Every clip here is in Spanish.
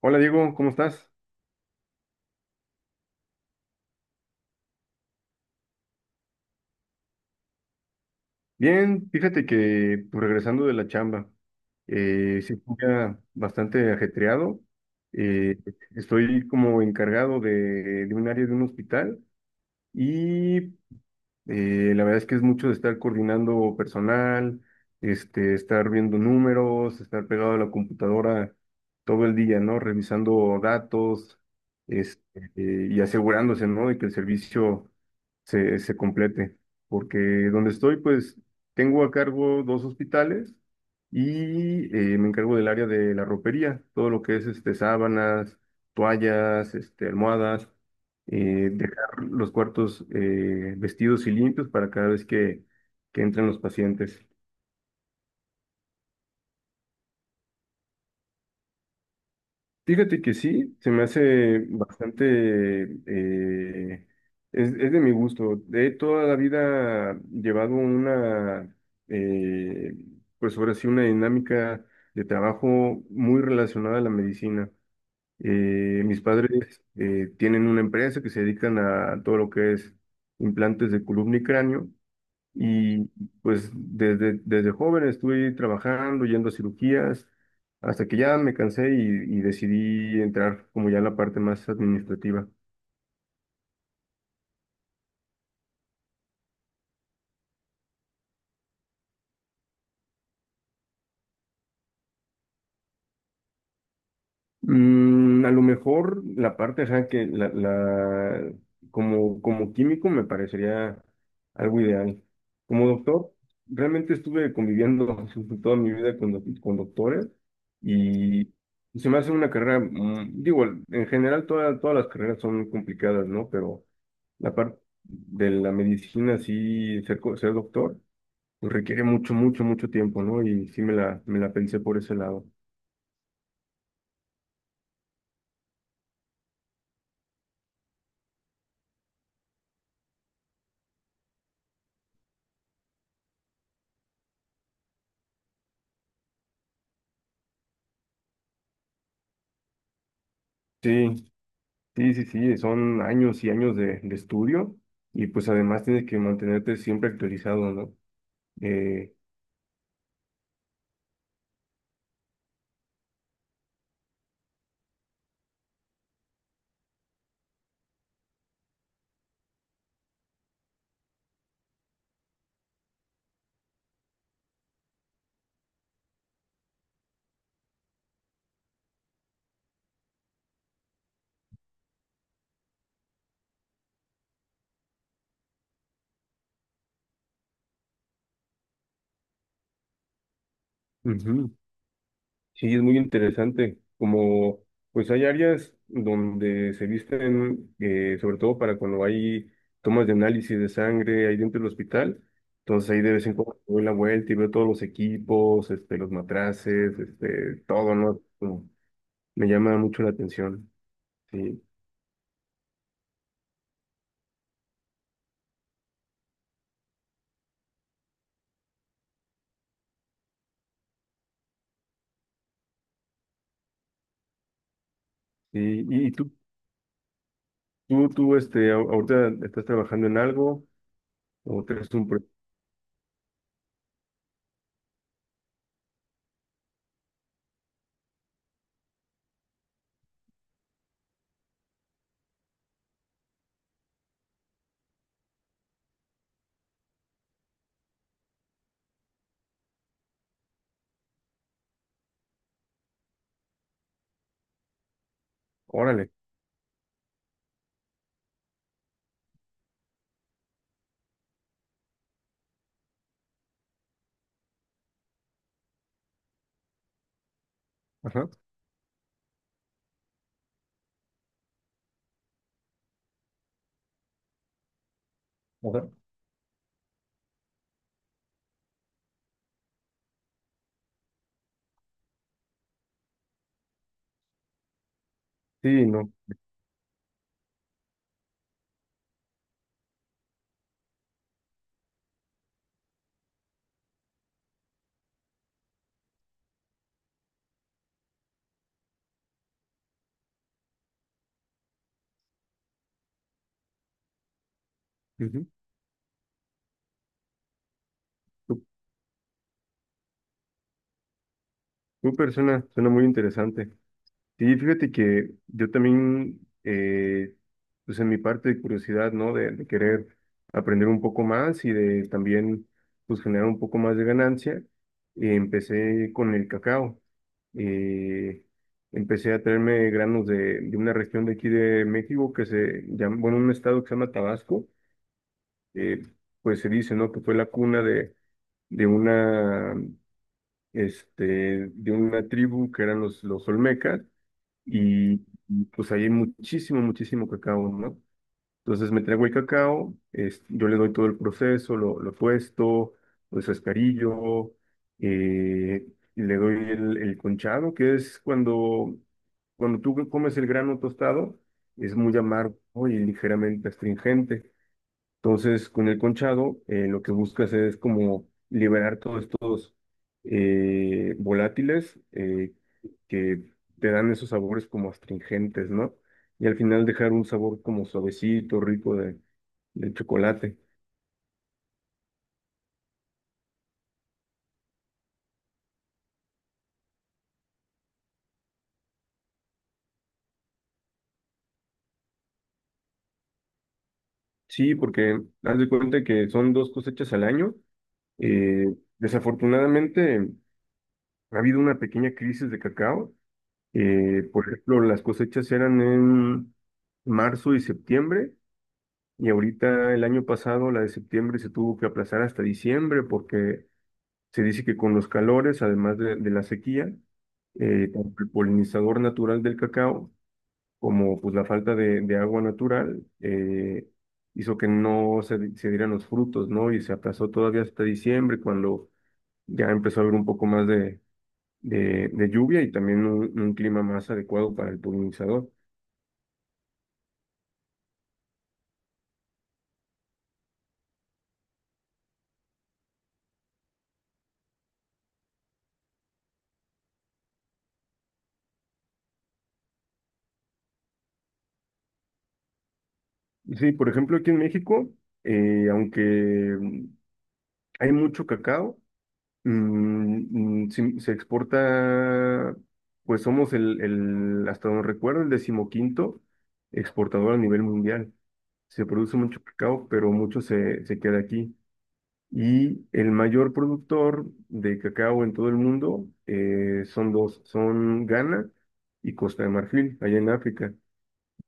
Hola Diego, ¿cómo estás? Bien, fíjate que pues, regresando de la chamba, sí, fue un día bastante ajetreado. Eh, Estoy como encargado de un área de un hospital y la verdad es que es mucho de estar coordinando personal, este, estar viendo números, estar pegado a la computadora todo el día, ¿no? Revisando datos, este, y asegurándose, ¿no? De que el servicio se complete, porque donde estoy, pues tengo a cargo dos hospitales y me encargo del área de la ropería, todo lo que es este, sábanas, toallas, este, almohadas, dejar los cuartos vestidos y limpios para cada vez que entren los pacientes. Fíjate que sí, se me hace bastante, es de mi gusto. He toda la vida llevado una, eh, pues ahora sí, una dinámica de trabajo muy relacionada a la medicina. Mis padres tienen una empresa que se dedican a todo lo que es implantes de columna y cráneo y pues desde joven estuve trabajando, yendo a cirugías, hasta que ya me cansé y decidí entrar como ya en la parte más administrativa. Mm, a lo mejor la parte, ajá, como, como químico me parecería algo ideal. Como doctor, realmente estuve conviviendo toda mi vida con, con doctores y se me hace una carrera, mm, digo, en general todas las carreras son complicadas, ¿no? Pero la parte de la medicina, sí, ser doctor, pues requiere mucho, mucho, mucho tiempo, ¿no? Y sí me la pensé por ese lado. Sí, sí, sí, sí, son años y años de estudio y pues además tienes que mantenerte siempre actualizado, ¿no? Eh, Ujú. Sí, es muy interesante. Como pues hay áreas donde se visten, sobre todo para cuando hay tomas de análisis de sangre ahí dentro del hospital. Entonces ahí de vez en cuando doy la vuelta y veo todos los equipos, este, los matraces, este, todo, ¿no? Como me llama mucho la atención. Sí, sí. ¿Y, tú, este, ahorita estás trabajando en algo o tienes un... pro- Órale. Ajá. Ajá. Sí, no. Ujú. Tu, Tu persona suena muy interesante. Sí, fíjate que yo también, pues en mi parte de curiosidad, ¿no? De querer aprender un poco más y de también, pues generar un poco más de ganancia, empecé con el cacao. Eh, Empecé a traerme granos de una región de aquí de México que se llama, bueno, un estado que se llama Tabasco. Eh, pues se dice, ¿no? Que fue la cuna de una, este, de una tribu que eran los olmecas y y pues ahí hay muchísimo, muchísimo cacao, ¿no? Entonces me traigo el cacao, es- yo le doy todo el proceso, lo tuesto, lo descascarillo, eh, y le doy el conchado, que es cuando tú comes el grano tostado, es muy amargo y ligeramente astringente. Entonces, con el conchado, lo que buscas es como liberar todos estos volátiles que te dan esos sabores como astringentes, ¿no? Y al final dejar un sabor como suavecito, rico del chocolate. Sí, porque haz de cuenta que son dos cosechas al año. Eh, Desafortunadamente, ha habido una pequeña crisis de cacao. Por ejemplo, las cosechas eran en marzo y septiembre. Y ahorita el año pasado, la de septiembre, se tuvo que aplazar hasta diciembre porque se dice que con los calores, además de la sequía, tanto el polinizador natural del cacao como pues, la falta de agua natural hizo que no se, se dieran los frutos, ¿no? Y se aplazó todavía hasta diciembre cuando ya empezó a haber un poco más de lluvia y también un clima más adecuado para el polinizador. Sí, por ejemplo, aquí en México, aunque mm, hay mucho cacao. Mm, mm, sí, se exporta, pues somos hasta donde recuerdo, el decimoquinto exportador a nivel mundial. Se produce mucho cacao, pero mucho se queda aquí. Y el mayor productor de cacao en todo el mundo son dos, son Ghana y Costa de Marfil, allá en África.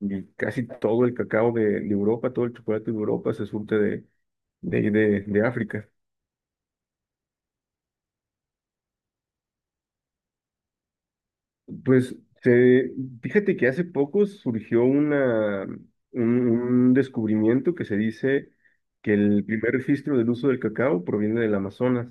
Y casi todo el cacao de Europa, todo el chocolate de Europa se surte de África. Pues se- fíjate que hace poco surgió un descubrimiento que se dice que el primer registro del uso del cacao proviene del Amazonas.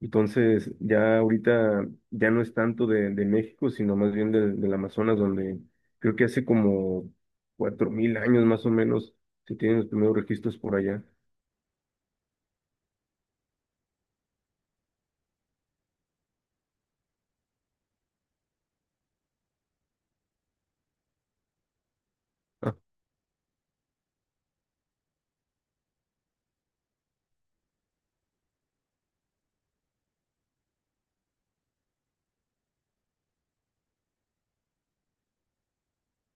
Entonces, ya ahorita ya no es tanto de México, sino más bien del Amazonas, donde creo que hace como 4000 años más o menos se tienen los primeros registros por allá. Ah,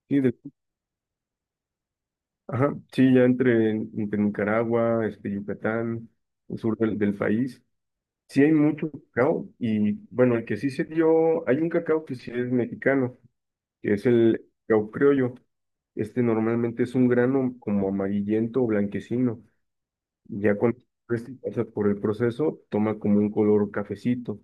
sí, de- ajá, sí, ya entre, entre Nicaragua, este, Yucatán, el sur del país. Sí hay mucho cacao y bueno, el que sí se dio, hay un cacao que sí es mexicano, que es el cacao criollo. Este normalmente es un grano como amarillento o blanquecino. Ya cuando este pasa por el proceso, toma como un color cafecito.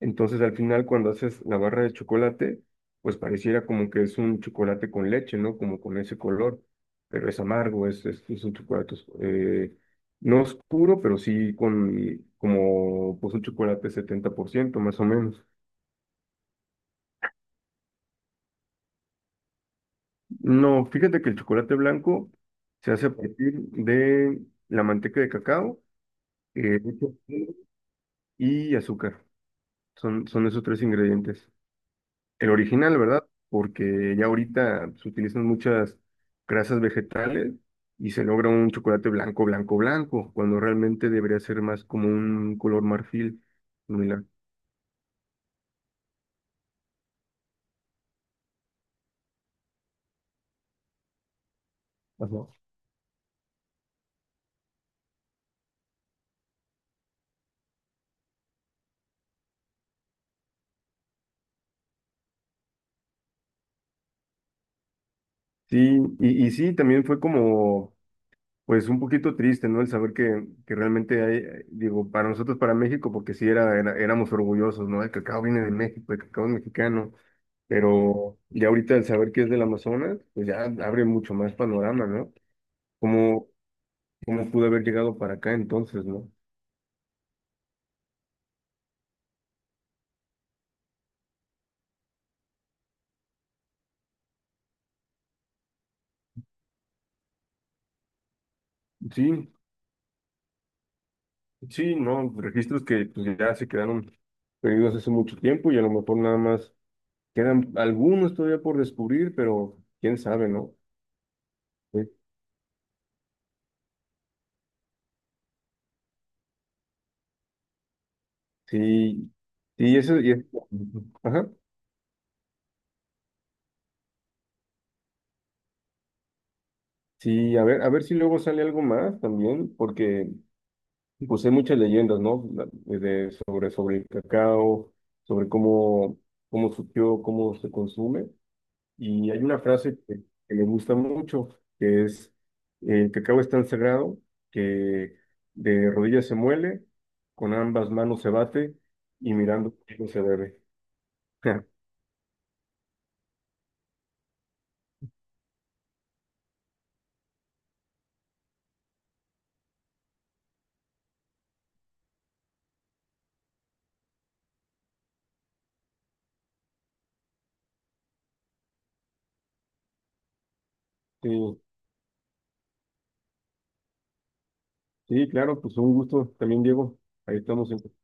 Entonces al final cuando haces la barra de chocolate, pues pareciera como que es un chocolate con leche, ¿no? Como con ese color, pero es amargo, es un chocolate no oscuro, pero sí con como pues un chocolate 70% más o menos. No, fíjate que el chocolate blanco se hace a partir de la manteca de cacao, leche en polvo y azúcar. Son esos tres ingredientes. El original, ¿verdad? Porque ya ahorita se utilizan muchas grasas vegetales y se logra un chocolate blanco, blanco, blanco, cuando realmente debería ser más como un color marfil. Mira. Ajá. Sí, y sí, también fue como, pues un poquito triste, ¿no? El saber que realmente hay, digo, para nosotros, para México, porque sí era, éramos orgullosos, ¿no? El cacao viene de México, el cacao es mexicano, pero ya ahorita el saber que es del Amazonas, pues ya abre mucho más panorama, ¿no? Como, ¿cómo pudo haber llegado para acá entonces, no? Sí, sí, no, registros que pues, ya se quedaron perdidos hace mucho tiempo y a lo mejor nada más quedan algunos todavía por descubrir, pero quién sabe, ¿no? Sí, sí, sí, eso, y es- ajá, sí, a ver si luego sale algo más también, porque pues hay muchas leyendas, ¿no? De, sobre, sobre el cacao, sobre cómo, cómo surgió, cómo se consume. Y hay una frase que me gusta mucho, que es, el cacao es tan sagrado que de rodillas se muele, con ambas manos se bate y mirando el se bebe. Sí, sí, claro, pues un gusto también, Diego. Ahí estamos en